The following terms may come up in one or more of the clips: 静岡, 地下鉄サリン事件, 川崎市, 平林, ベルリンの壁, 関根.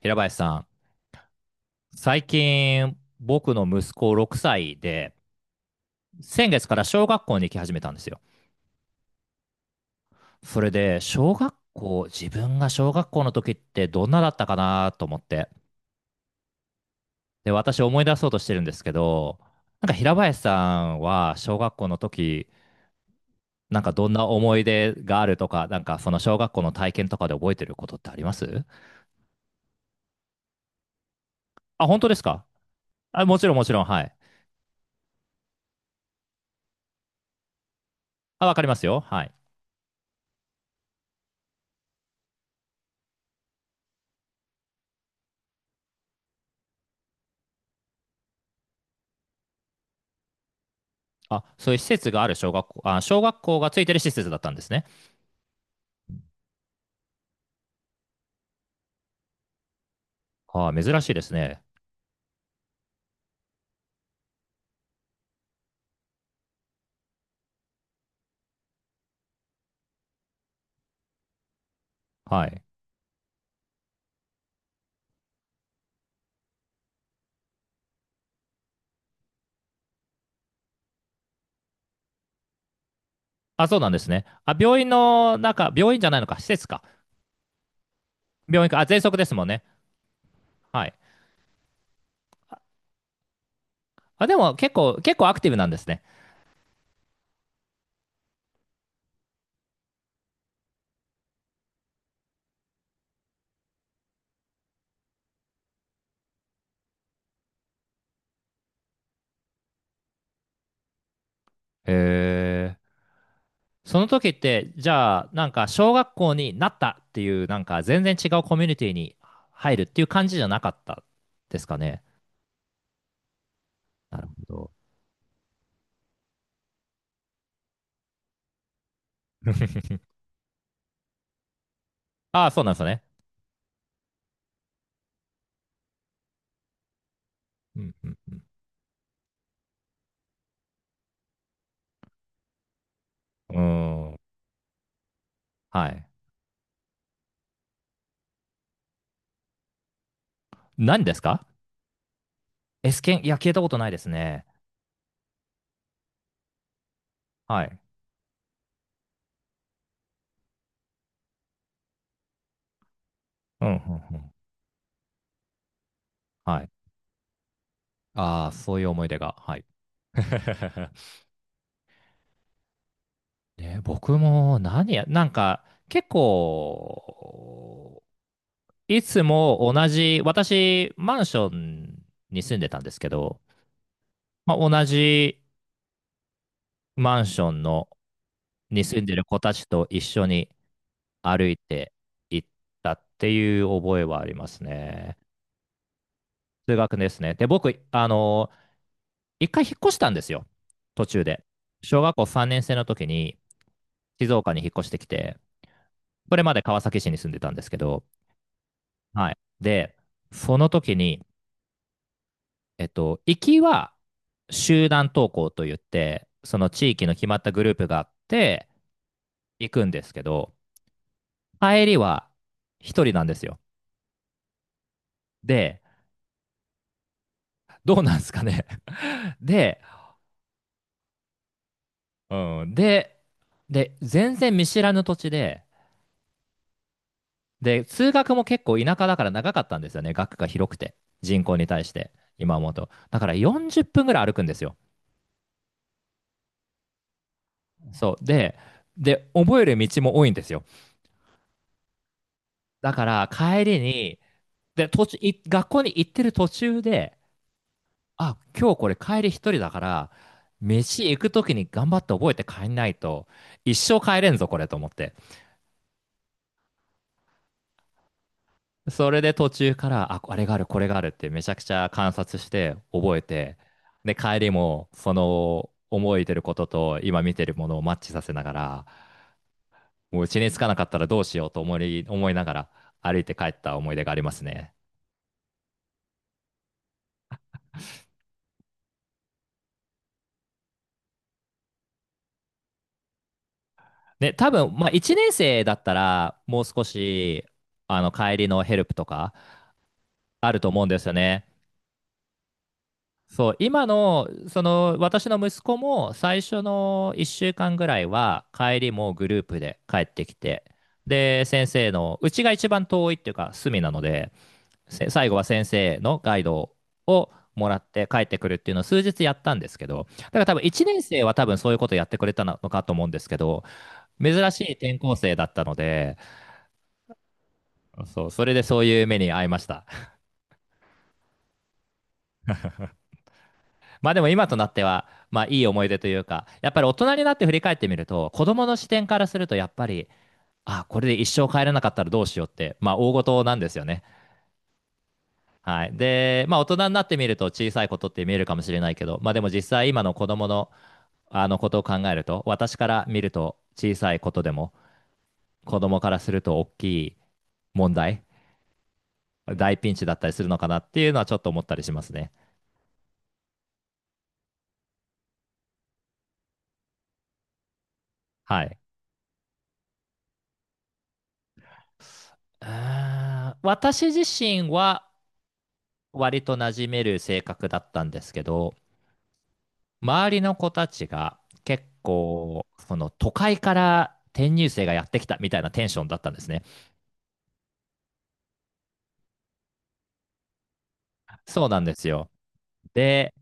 平林さん、最近僕の息子6歳で、先月から小学校に行き始めたんですよ。それで、小学校、自分が小学校の時ってどんなだったかなと思って。で、私思い出そうとしてるんですけど、なんか平林さんは小学校の時、なんかどんな思い出があるとか、なんかその小学校の体験とかで覚えてることってあります？あ、本当ですか？あ、もちろんもちろん、はい。あ、わかりますよ。はい。あ、そういう施設がある小学校、あ、小学校がついてる施設だったんですね。はあ、珍しいですね。はい。あ、そうなんですね。あ、病院の中、病院じゃないのか、施設か。病院か。あ、喘息ですもんね。はい。あ、でも結構アクティブなんですね。へえ。その時って、じゃあ、なんか、小学校になったっていう、なんか、全然違うコミュニティに入るっていう感じじゃなかったですかね。なるほど。ああ、そうなんですね。うん、うん、うん。うーん。はい。何ですか ?S 剣、いや、聞いたことないですね。はい。うん、うん、うん。はい。ああ、そういう思い出が。はい。ね、僕も何や、なんか結構、いつも同じ、私、マンションに住んでたんですけど、まあ、同じマンションのに住んでる子たちと一緒に歩いて行ったっていう覚えはありますね。通学ですね。で、僕、一回引っ越したんですよ。途中で。小学校3年生の時に静岡に引っ越してきて、それまで川崎市に住んでたんですけど、はい。で、その時に、行きは集団登校といって、その地域の決まったグループがあって行くんですけど、帰りは一人なんですよ。で、どうなんですかね。で、うん、で、で、全然見知らぬ土地で、で、通学も結構田舎だから長かったんですよね。学区が広くて、人口に対して、今思うと。だから40分ぐらい歩くんですよ。そう。で、で、覚える道も多いんですよ。だから帰りに、で、途中、い学校に行ってる途中で、あ、今日これ帰り一人だから、飯行く時に頑張って覚えて帰んないと、一生帰れんぞ、これと思って。それで途中から、あ、あれがある、これがあるってめちゃくちゃ観察して覚えて、で、帰りも、その、思いてることと今見てるものをマッチさせながら、もう家に着かなかったらどうしようと思いながら歩いて帰った思い出がありますね。ね、多分、まあ、1年生だったら、もう少し、帰りのヘルプとか、あると思うんですよね。そう、今の、その、私の息子も、最初の1週間ぐらいは、帰りもグループで帰ってきて、で、先生の、うちが一番遠いっていうか、隅なので、せ最後は先生のガイドをもらって帰ってくるっていうのを数日やったんですけど、だから多分1年生は多分そういうことやってくれたのかと思うんですけど、珍しい転校生だったので、そう、それでそういう目に遭いました。まあでも今となっては、まあいい思い出というか、やっぱり大人になって振り返ってみると、子供の視点からするとやっぱり、あ、これで一生帰れなかったらどうしようって、まあ大事なんですよね。はい。で、まあ大人になってみると小さいことって見えるかもしれないけど、まあでも実際今の子供のあのことを考えると、私から見ると小さいことでも、子供からすると大きい問題、大ピンチだったりするのかなっていうのはちょっと思ったりしますね。はい。あー私自身は割と馴染める性格だったんですけど、周りの子たちが結構、その都会から転入生がやってきたみたいなテンションだったんですね。そうなんですよ。で、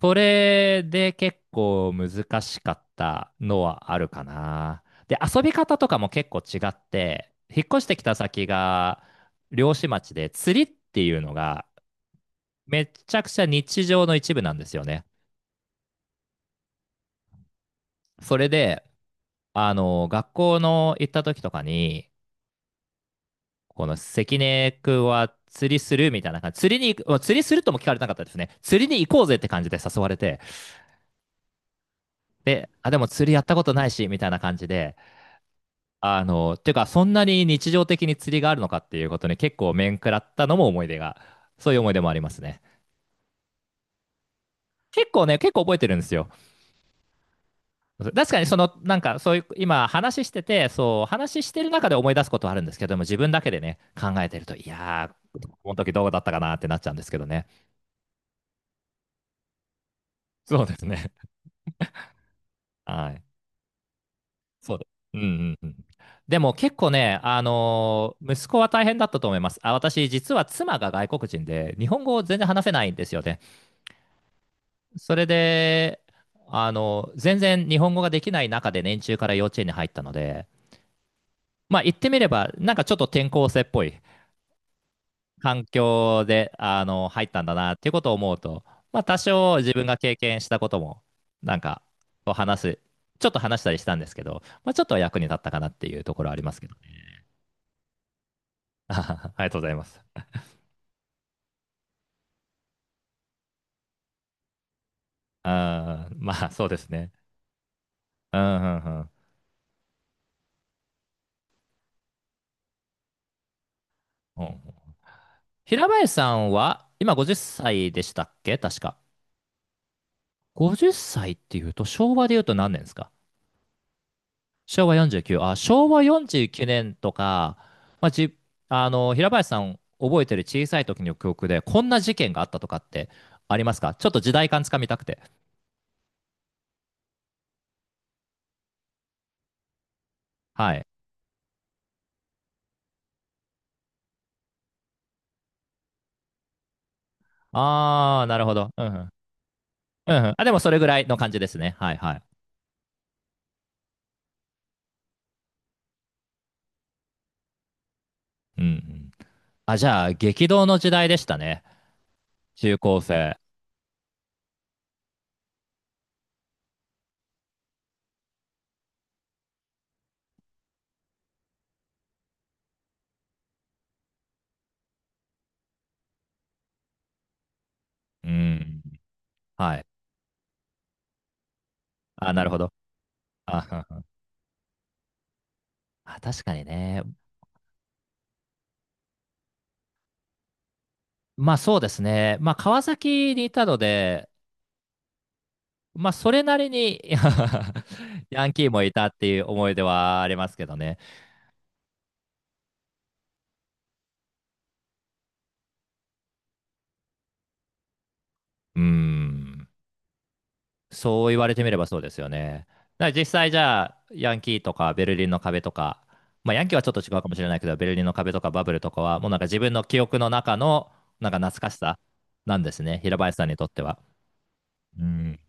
それで結構難しかったのはあるかな。で、遊び方とかも結構違って、引っ越してきた先が漁師町で釣りっていうのがめちゃくちゃ日常の一部なんですよね。それで、学校の行った時とかに、この関根くんは釣りするみたいな感じ。釣りに行く、釣りするとも聞かれなかったですね。釣りに行こうぜって感じで誘われて。で、あ、でも釣りやったことないし、みたいな感じで。あの、ていうか、そんなに日常的に釣りがあるのかっていうことに結構面食らったのも思い出が、そういう思い出もありますね。結構ね、結構覚えてるんですよ。確かにその、なんかそういう、今話してて、そう、話してる中で思い出すことはあるんですけども、自分だけでね、考えてると、いやー、この時どうだったかなってなっちゃうんですけどね。そうですね。はい。そうです。うんうんうん。でも結構ね、あのー息子は大変だったと思います。あ、私、実は妻が外国人で、日本語を全然話せないんですよね。それで、あの全然日本語ができない中で年中から幼稚園に入ったので、まあ言ってみれば、なんかちょっと転校生っぽい環境で、入ったんだなっていうことを思うと、まあ、多少自分が経験したことも、なんか、こう話す、ちょっと話したりしたんですけど、まあ、ちょっとは役に立ったかなっていうところはありますけどね。ありがとうございます。あーまあ、そうですね。うん、うん、うん。うん平林さんは、今50歳でしたっけ確か。50歳っさいっていうと、昭和で言うと何年ですか？昭和49、あ、昭和49年とか、まあ、じ、あの、平林さん覚えてる小さい時の記憶で、こんな事件があったとかってありますか？ちょっと時代感つかみたくて。はい。あー、なるほど。うんうん。うんうん。あ、でもそれぐらいの感じですね。はいはい。うんうん。あ、じゃあ、激動の時代でしたね。中高生。うん。はい。あ、なるほど。あ、あ確かにね。まあそうですね。まあ川崎にいたので、まあ、それなりに ヤンキーもいたっていう思い出はありますけどね。うん。そう言われてみればそうですよね。だから実際じゃあ、ヤンキーとかベルリンの壁とか、まあ、ヤンキーはちょっと違うかもしれないけど、ベルリンの壁とかバブルとかは、もうなんか自分の記憶の中の、なんか懐かしさなんですね。平林さんにとっては。うん。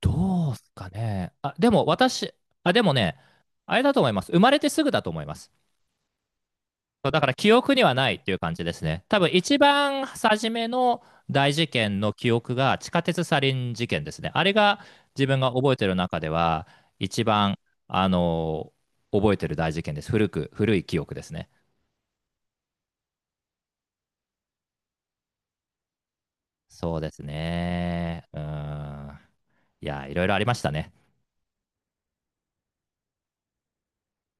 どうすかね。あ、でも私、あ、でもね、あれだと思います。生まれてすぐだと思います。そうだから記憶にはないっていう感じですね。多分一番初めの大事件の記憶が地下鉄サリン事件ですね。あれが自分が覚えてる中では一番、あの覚えてる大事件です。古い記憶ですね。そうですね。うーん。いや、いろいろありましたね。